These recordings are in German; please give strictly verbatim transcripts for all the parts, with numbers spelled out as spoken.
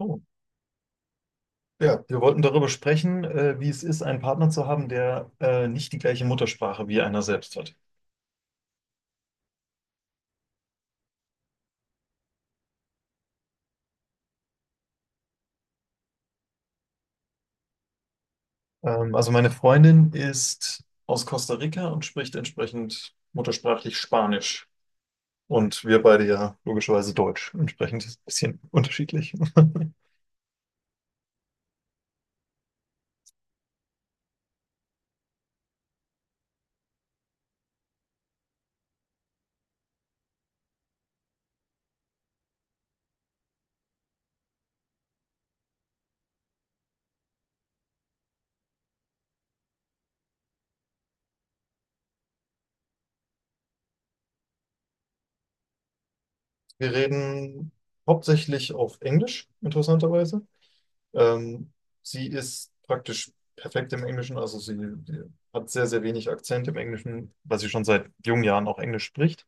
Oh. Ja, wir wollten darüber sprechen, äh, wie es ist, einen Partner zu haben, der äh, nicht die gleiche Muttersprache wie einer selbst hat. Ähm, also meine Freundin ist aus Costa Rica und spricht entsprechend muttersprachlich Spanisch. Und wir beide ja logischerweise Deutsch. Entsprechend ist es ein bisschen unterschiedlich. Wir reden hauptsächlich auf Englisch, interessanterweise. Ähm, Sie ist praktisch perfekt im Englischen, also sie sie hat sehr, sehr wenig Akzent im Englischen, weil sie schon seit jungen Jahren auch Englisch spricht.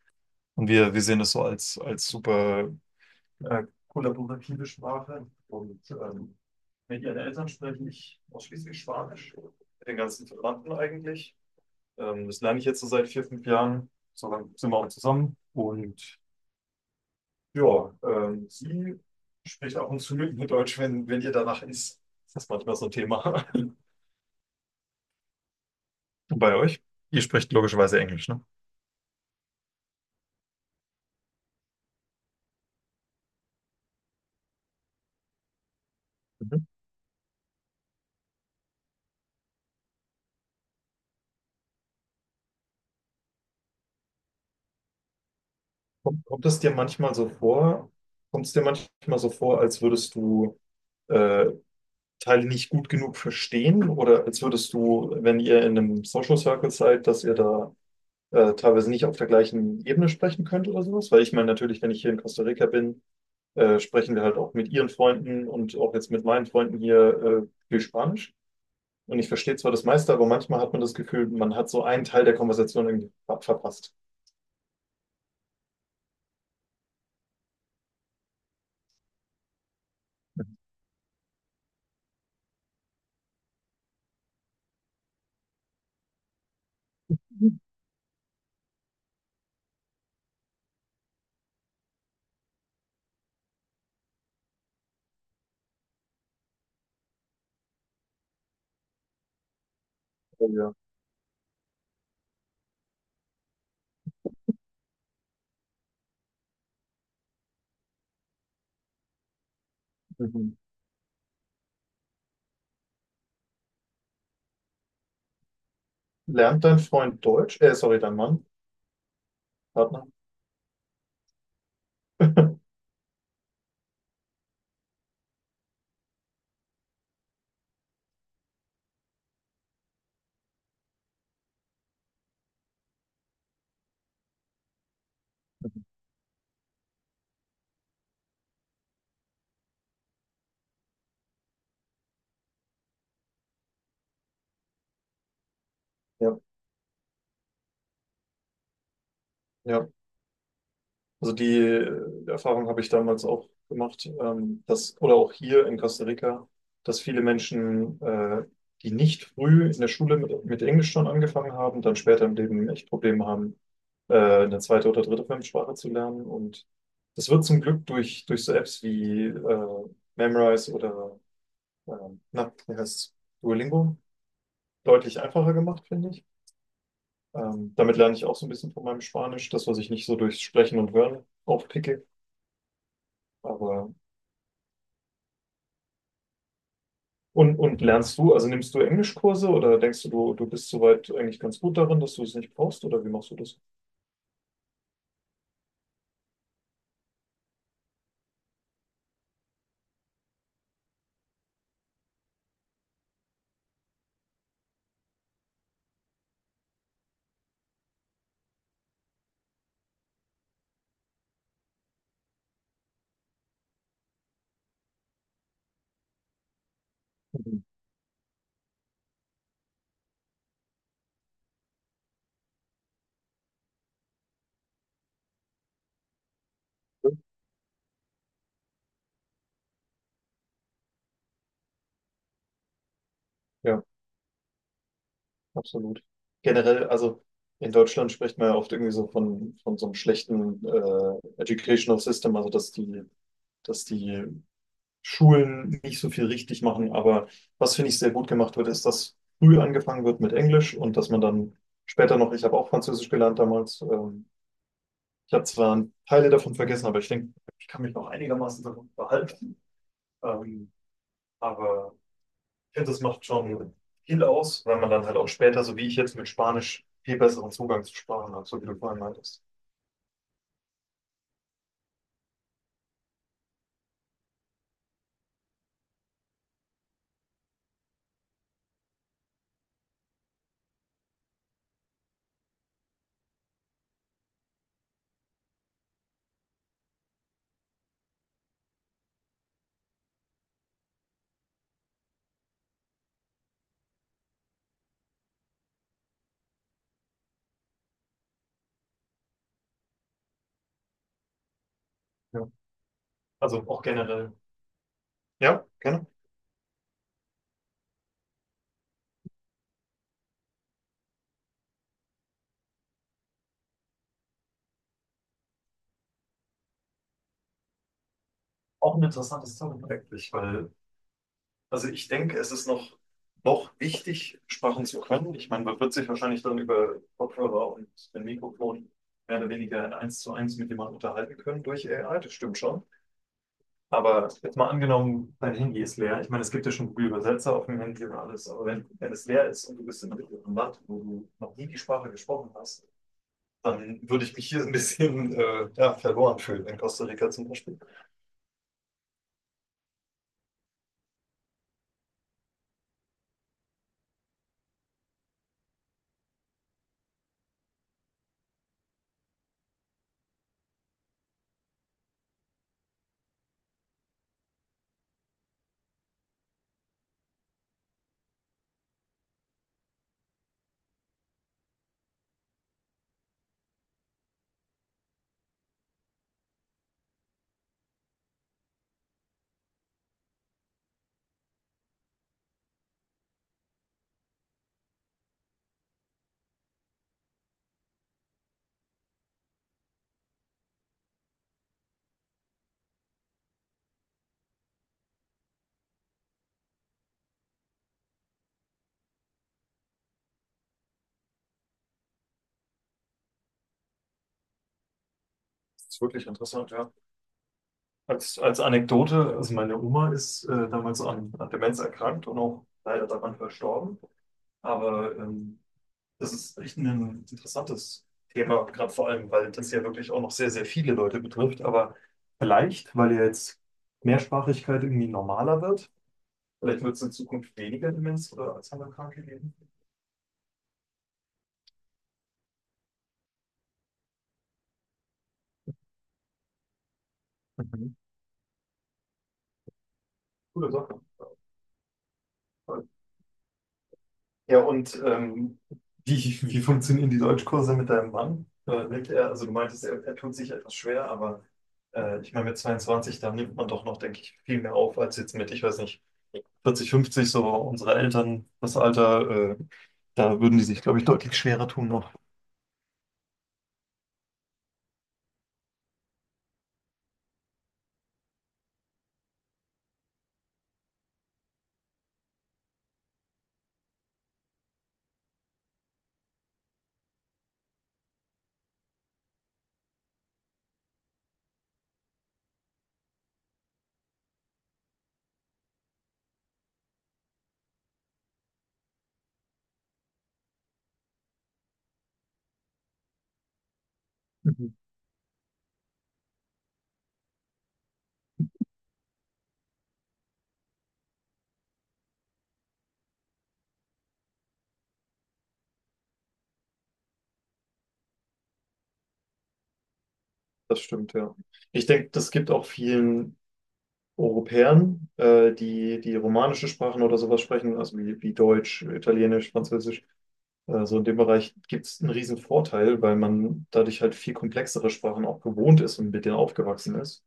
Und wir, wir sehen das so als, als super äh, kollaborative Sprache. Und ähm, mit ihren Eltern spreche ich ausschließlich Spanisch, mit den ganzen Verwandten eigentlich. Ähm, das lerne ich jetzt so seit vier, fünf Jahren. So lange sind wir auch zusammen. Und ja, ähm, sie spricht ab und zu mit mir Deutsch, wenn, wenn ihr danach ist. Das ist manchmal so ein Thema. Und bei euch? Ihr sprecht logischerweise Englisch, ne? Mhm. Kommt, kommt es dir manchmal so vor, kommt es dir manchmal so vor, als würdest du äh, Teile nicht gut genug verstehen? Oder als würdest du, wenn ihr in einem Social Circle seid, dass ihr da äh, teilweise nicht auf der gleichen Ebene sprechen könnt oder sowas? Weil ich meine, natürlich, wenn ich hier in Costa Rica bin, äh, sprechen wir halt auch mit ihren Freunden und auch jetzt mit meinen Freunden hier äh, viel Spanisch. Und ich verstehe zwar das meiste, aber manchmal hat man das Gefühl, man hat so einen Teil der Konversation irgendwie ver- verpasst. Mhm. Oh ja. Mhm. Lernt dein Freund Deutsch? Äh, sorry, dein Mann, Partner. Ja, ja. Also die äh, Erfahrung habe ich damals auch gemacht, ähm, dass, oder auch hier in Costa Rica, dass viele Menschen, äh, die nicht früh in der Schule mit, mit Englisch schon angefangen haben, dann später im Leben echt Probleme haben, äh, eine zweite oder dritte Fremdsprache zu lernen. Und das wird zum Glück durch, durch so Apps wie äh, Memrise oder ähm, na, wie heißt's? Duolingo deutlich einfacher gemacht, finde ich. Ähm, damit lerne ich auch so ein bisschen von meinem Spanisch, das, was ich nicht so durchs Sprechen und Hören aufpicke. Aber Und, und lernst du, also nimmst du Englischkurse oder denkst du, du, du bist soweit eigentlich ganz gut darin, dass du es nicht brauchst oder wie machst du das? Mhm. Ja, absolut. Generell, also in Deutschland spricht man ja oft irgendwie so von, von so einem schlechten äh, Educational System, also dass die, dass die Schulen nicht so viel richtig machen. Aber was finde ich sehr gut gemacht wird, ist, dass früh angefangen wird mit Englisch und dass man dann später noch, ich habe auch Französisch gelernt damals, ähm, ich habe zwar Teile davon vergessen, aber ich denke, ich kann mich noch einigermaßen daran behalten. Ähm, aber ich finde, das macht schon viel aus, weil man dann halt auch später, so wie ich jetzt mit Spanisch, viel besseren Zugang zu Sprachen hat, so wie du vorhin meintest. Ja. Also auch generell. Ja, gerne. Auch ein interessantes Thema eigentlich, weil, also ich denke, es ist noch, noch wichtig, Sprachen zu können. Ich meine, man wird sich wahrscheinlich dann über Kopfhörer und ein Mikrofon mehr oder weniger in eins zu eins mit jemandem unterhalten können durch A I, das stimmt schon. Aber jetzt mal angenommen, dein Handy ist leer. Ich meine, es gibt ja schon Google-Übersetzer auf dem Handy und alles, aber wenn, wenn es leer ist und du bist in einem mittleren Land, wo du noch nie die Sprache gesprochen hast, dann würde ich mich hier ein bisschen äh, ja, verloren fühlen, in Costa Rica zum Beispiel. Das ist wirklich interessant, ja. Als, als Anekdote, also meine Oma ist äh, damals an, an Demenz erkrankt und auch leider daran verstorben. Aber ähm, das ist echt ein interessantes Thema, gerade vor allem, weil das ja wirklich auch noch sehr, sehr viele Leute betrifft. Aber vielleicht, weil ja jetzt Mehrsprachigkeit irgendwie normaler wird, vielleicht wird es in Zukunft weniger Demenz oder Alzheimer-Kranke geben. Mhm. Coole Sache. Ja, und ähm, wie, wie funktionieren die Deutschkurse mit deinem Mann? Äh, nimmt er, also du meintest, er, er tut sich etwas schwer, aber äh, ich meine, mit zweiundzwanzig, da nimmt man doch noch, denke ich, viel mehr auf als jetzt mit, ich weiß nicht, vierzig, fünfzig, so unsere Eltern, das Alter, äh, da würden die sich, glaube ich, deutlich schwerer tun noch. Mhm. Das stimmt, ja. Ich denke, das gibt auch vielen Europäern, äh, die die romanische Sprachen oder sowas sprechen, also wie, wie Deutsch, Italienisch, Französisch. Also in dem Bereich gibt es einen riesen Vorteil, weil man dadurch halt viel komplexere Sprachen auch gewohnt ist und mit denen aufgewachsen ist,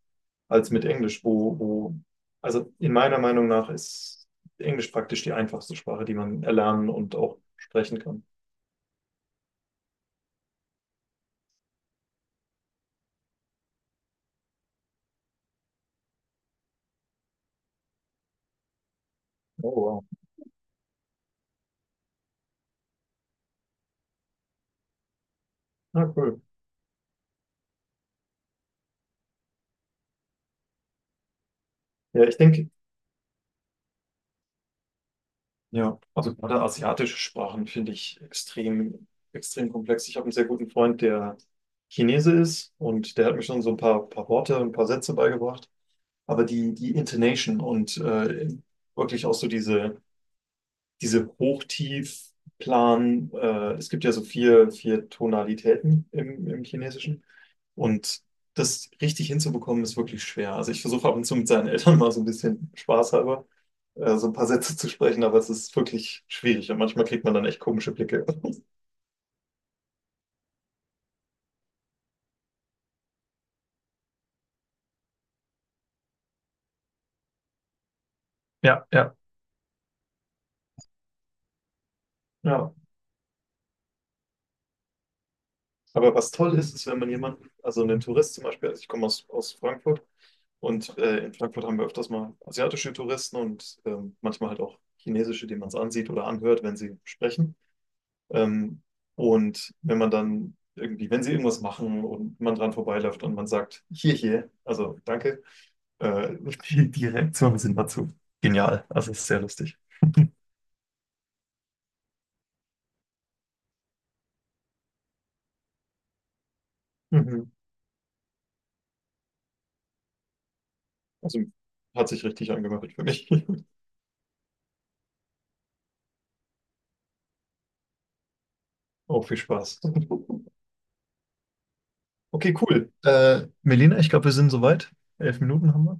als mit Englisch, wo, wo, also in meiner Meinung nach ist Englisch praktisch die einfachste Sprache, die man erlernen und auch sprechen kann. Oh, wow. Na, cool. Ja, ich denke, ja, also gerade asiatische Sprachen finde ich extrem, extrem komplex. Ich habe einen sehr guten Freund, der Chinese ist und der hat mir schon so ein paar, paar Worte, ein paar Sätze beigebracht. Aber die, die Intonation und äh, wirklich auch so diese, diese Hochtiefplan, äh, es gibt ja so vier, vier Tonalitäten im, im Chinesischen. Und das richtig hinzubekommen, ist wirklich schwer. Also ich versuche ab und zu mit seinen Eltern mal so ein bisschen Spaß halber, äh, so ein paar Sätze zu sprechen, aber es ist wirklich schwierig und manchmal kriegt man dann echt komische Blicke. Ja, ja. Ja. Aber was toll ist, ist, wenn man jemanden, also einen Tourist zum Beispiel, also ich komme aus, aus Frankfurt und äh, in Frankfurt haben wir öfters mal asiatische Touristen und ähm, manchmal halt auch chinesische, die man es ansieht oder anhört, wenn sie sprechen. Ähm, und wenn man dann irgendwie, wenn sie irgendwas machen und man dran vorbeiläuft und man sagt, hier, hier, also danke, äh, die, die Reaktionen sind dazu genial. Also es ist sehr lustig. Mhm. Also hat sich richtig angehört für mich. Auch viel Spaß. Okay, cool. Äh, Melina, ich glaube, wir sind soweit. Elf Minuten haben wir.